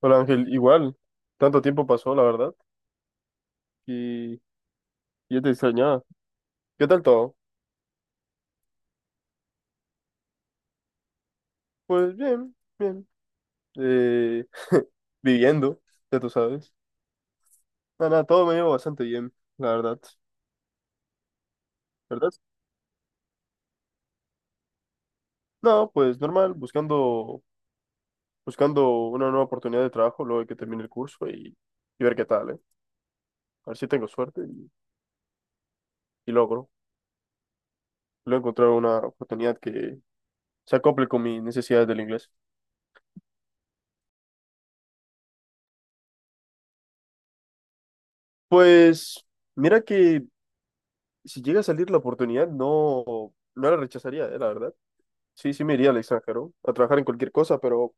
Hola Ángel, igual, tanto tiempo pasó, la verdad, y yo te extrañaba. ¿Qué tal todo? Pues bien, bien, eh, viviendo, ya tú sabes. Nada, nada, todo me llevo bastante bien, la verdad, ¿verdad? No, pues normal, buscando, buscando una nueva oportunidad de trabajo luego de que termine el curso y, ver qué tal, ¿eh? A ver si tengo suerte y logro, logro encontrar una oportunidad que se acople con mis necesidades del inglés. Pues, mira que si llega a salir la oportunidad, no, no la rechazaría, la verdad. Sí, sí me iría al extranjero a trabajar en cualquier cosa, pero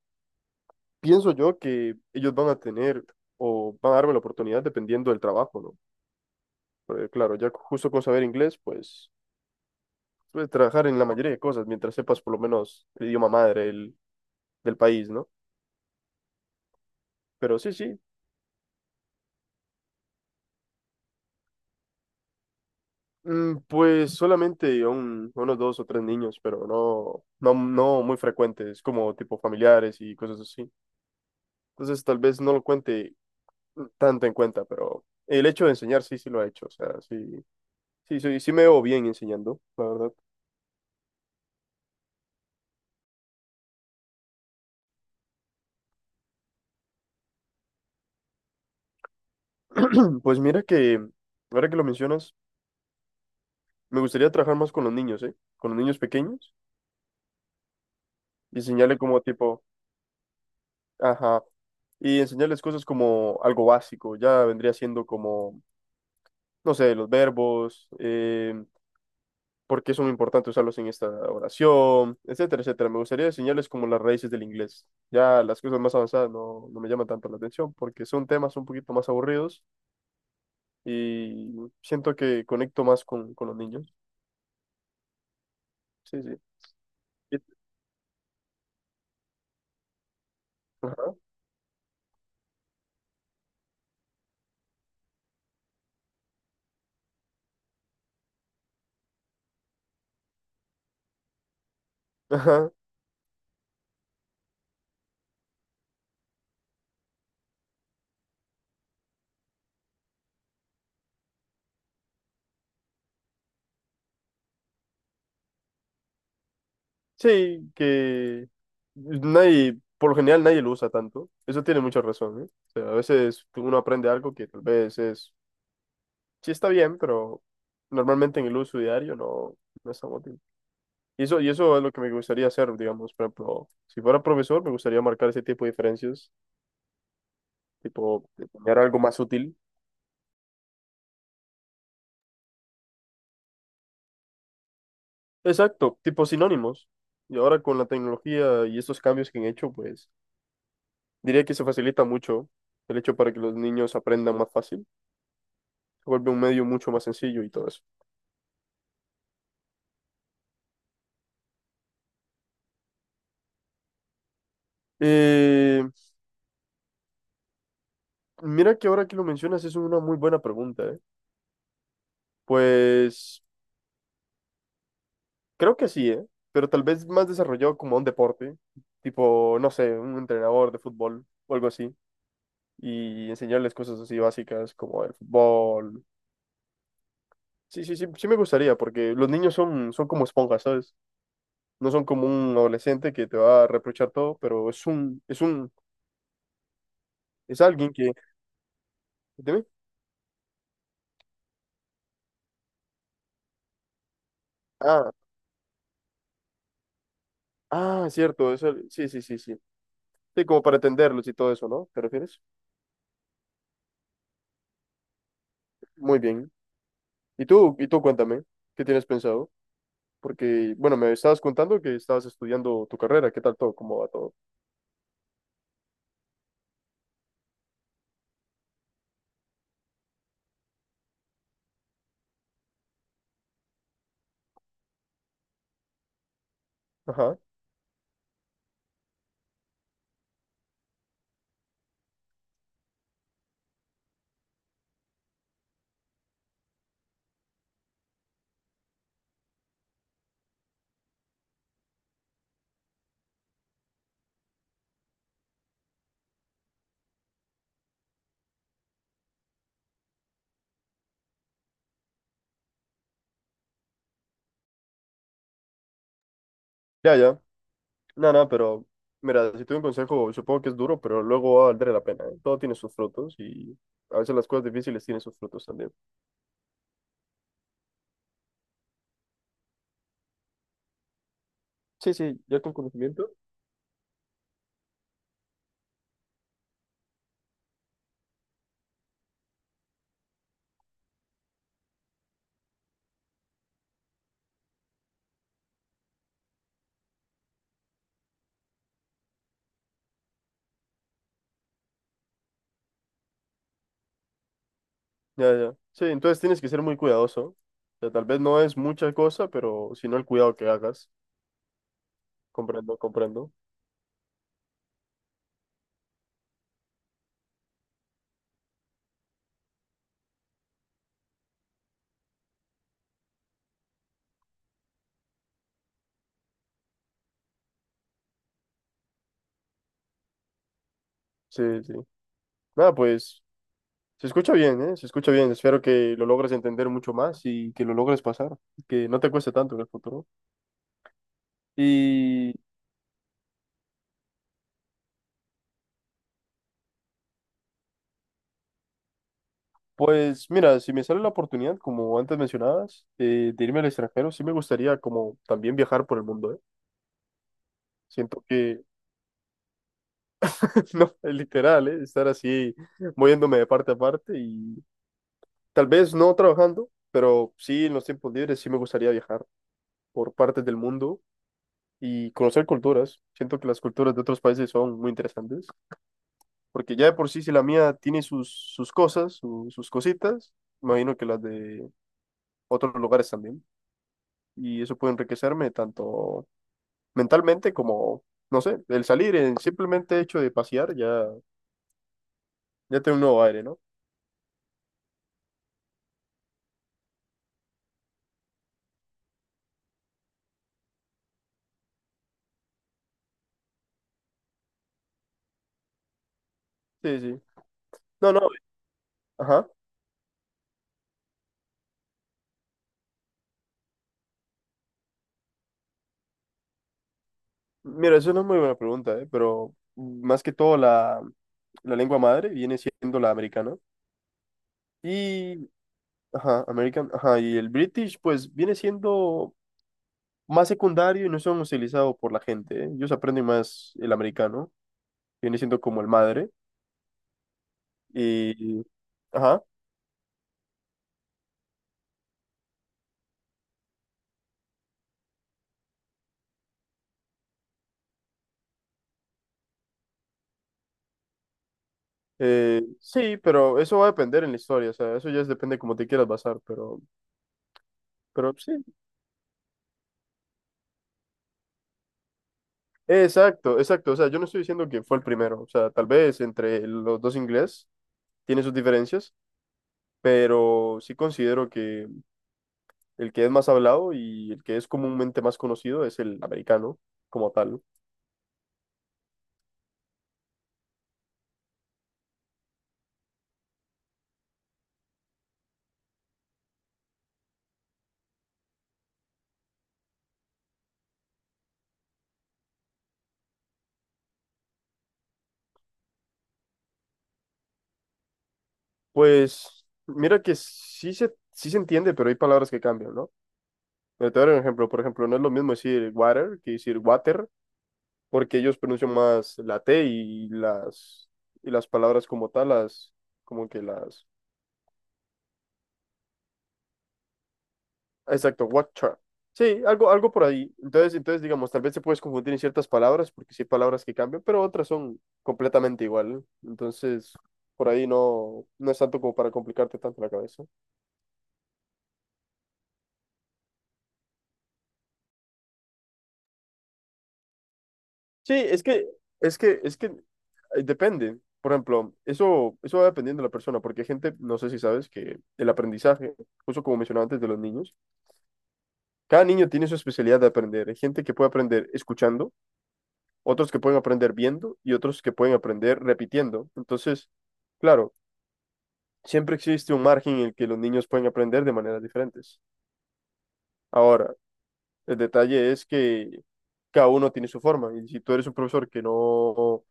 pienso yo que ellos van a tener o van a darme la oportunidad dependiendo del trabajo, ¿no? Porque, claro, ya justo con saber inglés, pues puedes trabajar en la mayoría de cosas mientras sepas por lo menos el idioma madre del país, ¿no? Pero sí, sí. Pues solamente unos dos o tres niños, pero no, no, no muy frecuentes, como tipo familiares y cosas así. Entonces tal vez no lo cuente tanto en cuenta, pero el hecho de enseñar sí, sí lo ha hecho, o sea, sí, sí, sí, sí me veo bien enseñando, la verdad. Pues mira que, ahora que lo mencionas, me gustaría trabajar más con los niños, ¿eh? Con los niños pequeños y enseñarle como tipo, ajá, y enseñarles cosas como algo básico, ya vendría siendo como, no sé, los verbos, porque es muy importante usarlos en esta oración, etcétera, etcétera. Me gustaría enseñarles como las raíces del inglés. Ya las cosas más avanzadas no, no me llaman tanto la atención porque son temas un poquito más aburridos y siento que conecto más con, los niños. Sí, sí. Y- Ajá. Ajá. Sí, que nadie, por lo general nadie lo usa tanto. Eso tiene mucha razón, ¿eh? O sea, a veces uno aprende algo que tal vez es, sí está bien, pero normalmente en el uso diario no, no es tan útil. Y eso es lo que me gustaría hacer, digamos, por ejemplo, si fuera profesor, me gustaría marcar ese tipo de diferencias, tipo, de poner algo más útil. Exacto, tipo sinónimos. Y ahora con la tecnología y estos cambios que han hecho, pues diría que se facilita mucho el hecho para que los niños aprendan más fácil. Se vuelve un medio mucho más sencillo y todo eso. Eh, mira que ahora que lo mencionas es una muy buena pregunta, ¿eh? Pues creo que sí, ¿eh? Pero tal vez más desarrollado como un deporte, tipo, no sé, un entrenador de fútbol o algo así. Y enseñarles cosas así básicas como el fútbol. Sí, sí, sí, sí me gustaría, porque los niños son, como esponjas, ¿sabes? No son como un adolescente que te va a reprochar todo, pero es alguien que... ¿Dime? Ah, ah, cierto, sí, sí, sí, sí. Sí, como para entenderlos y todo eso, ¿no? ¿Te refieres? Muy bien. Y tú cuéntame, ¿qué tienes pensado? Porque, bueno, me estabas contando que estabas estudiando tu carrera, ¿qué tal todo? ¿Cómo va todo? Ajá. Ya, ya. No, no, pero mira, si te doy un consejo, supongo que es duro, pero luego va a valer la pena, ¿eh? Todo tiene sus frutos y a veces las cosas difíciles tienen sus frutos también. Sí, sí, ya con conocimiento. Ya, ya. Sí, entonces tienes que ser muy cuidadoso. O sea, tal vez no es mucha cosa, pero sino el cuidado que hagas. Comprendo, comprendo. Sí, sí. Nada, pues se escucha bien, ¿eh? Se escucha bien. Espero que lo logres entender mucho más y que lo logres pasar. Que no te cueste tanto en el futuro. Y pues mira, si me sale la oportunidad, como antes mencionabas, de irme al extranjero, sí me gustaría como también viajar por el mundo, ¿eh? Siento que, no, es literal, ¿eh? Estar así moviéndome de parte a parte y tal vez no trabajando, pero sí en los tiempos libres sí me gustaría viajar por partes del mundo y conocer culturas. Siento que las culturas de otros países son muy interesantes, porque ya de por sí si la mía tiene sus cosas, sus cositas, imagino que las de otros lugares también y eso puede enriquecerme tanto mentalmente como, no sé, el salir, el simplemente hecho de pasear, ya, ya tiene un nuevo aire, ¿no? Sí, sí. No, no, ajá. Mira, eso no es muy buena pregunta, ¿eh? Pero más que todo la, lengua madre viene siendo la americana. Y, ajá, American, ajá, y el British, pues viene siendo más secundario y no son utilizados por la gente, ¿eh? Ellos aprenden más el americano, viene siendo como el madre. Y, ajá. Sí, pero eso va a depender en la historia, o sea, eso ya depende cómo te quieras basar, pero sí, exacto, exacto. O sea, yo no estoy diciendo que fue el primero. O sea, tal vez entre los dos inglés tiene sus diferencias, pero sí considero que el que es más hablado y el que es comúnmente más conocido es el americano como tal. Pues mira que sí se entiende, pero hay palabras que cambian, ¿no? Mira, te voy a dar un ejemplo. Por ejemplo, no es lo mismo decir water que decir water, porque ellos pronuncian más la T y las, palabras como tal, como que las. Exacto, Watcher. Sí, algo, algo por ahí. Entonces, digamos, tal vez se puedes confundir en ciertas palabras, porque sí hay palabras que cambian, pero otras son completamente igual, ¿eh? Entonces, por ahí no, no es tanto como para complicarte tanto la cabeza. Sí, es que, depende. Por ejemplo, eso va dependiendo de la persona, porque hay gente, no sé si sabes, que el aprendizaje, justo como mencionaba antes de los niños, cada niño tiene su especialidad de aprender. Hay gente que puede aprender escuchando, otros que pueden aprender viendo y otros que pueden aprender repitiendo. Entonces, claro, siempre existe un margen en el que los niños pueden aprender de maneras diferentes. Ahora, el detalle es que cada uno tiene su forma y si tú eres un profesor que no,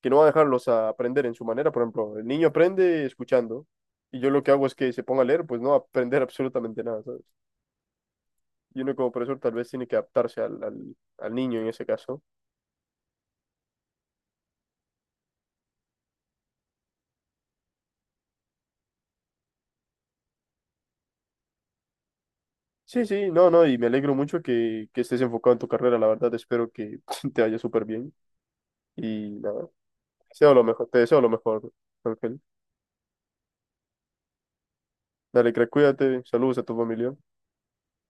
va a dejarlos a aprender en su manera, por ejemplo, el niño aprende escuchando y yo lo que hago es que se ponga a leer, pues no va a aprender absolutamente nada, ¿sabes? Y uno como profesor tal vez tiene que adaptarse al niño en ese caso. Sí, sí, no, no, y me alegro mucho que estés enfocado en tu carrera, la verdad, espero que te vaya súper bien y nada, te deseo lo mejor, te deseo lo mejor, Ángel. Dale, crack, cuídate, saludos a tu familia.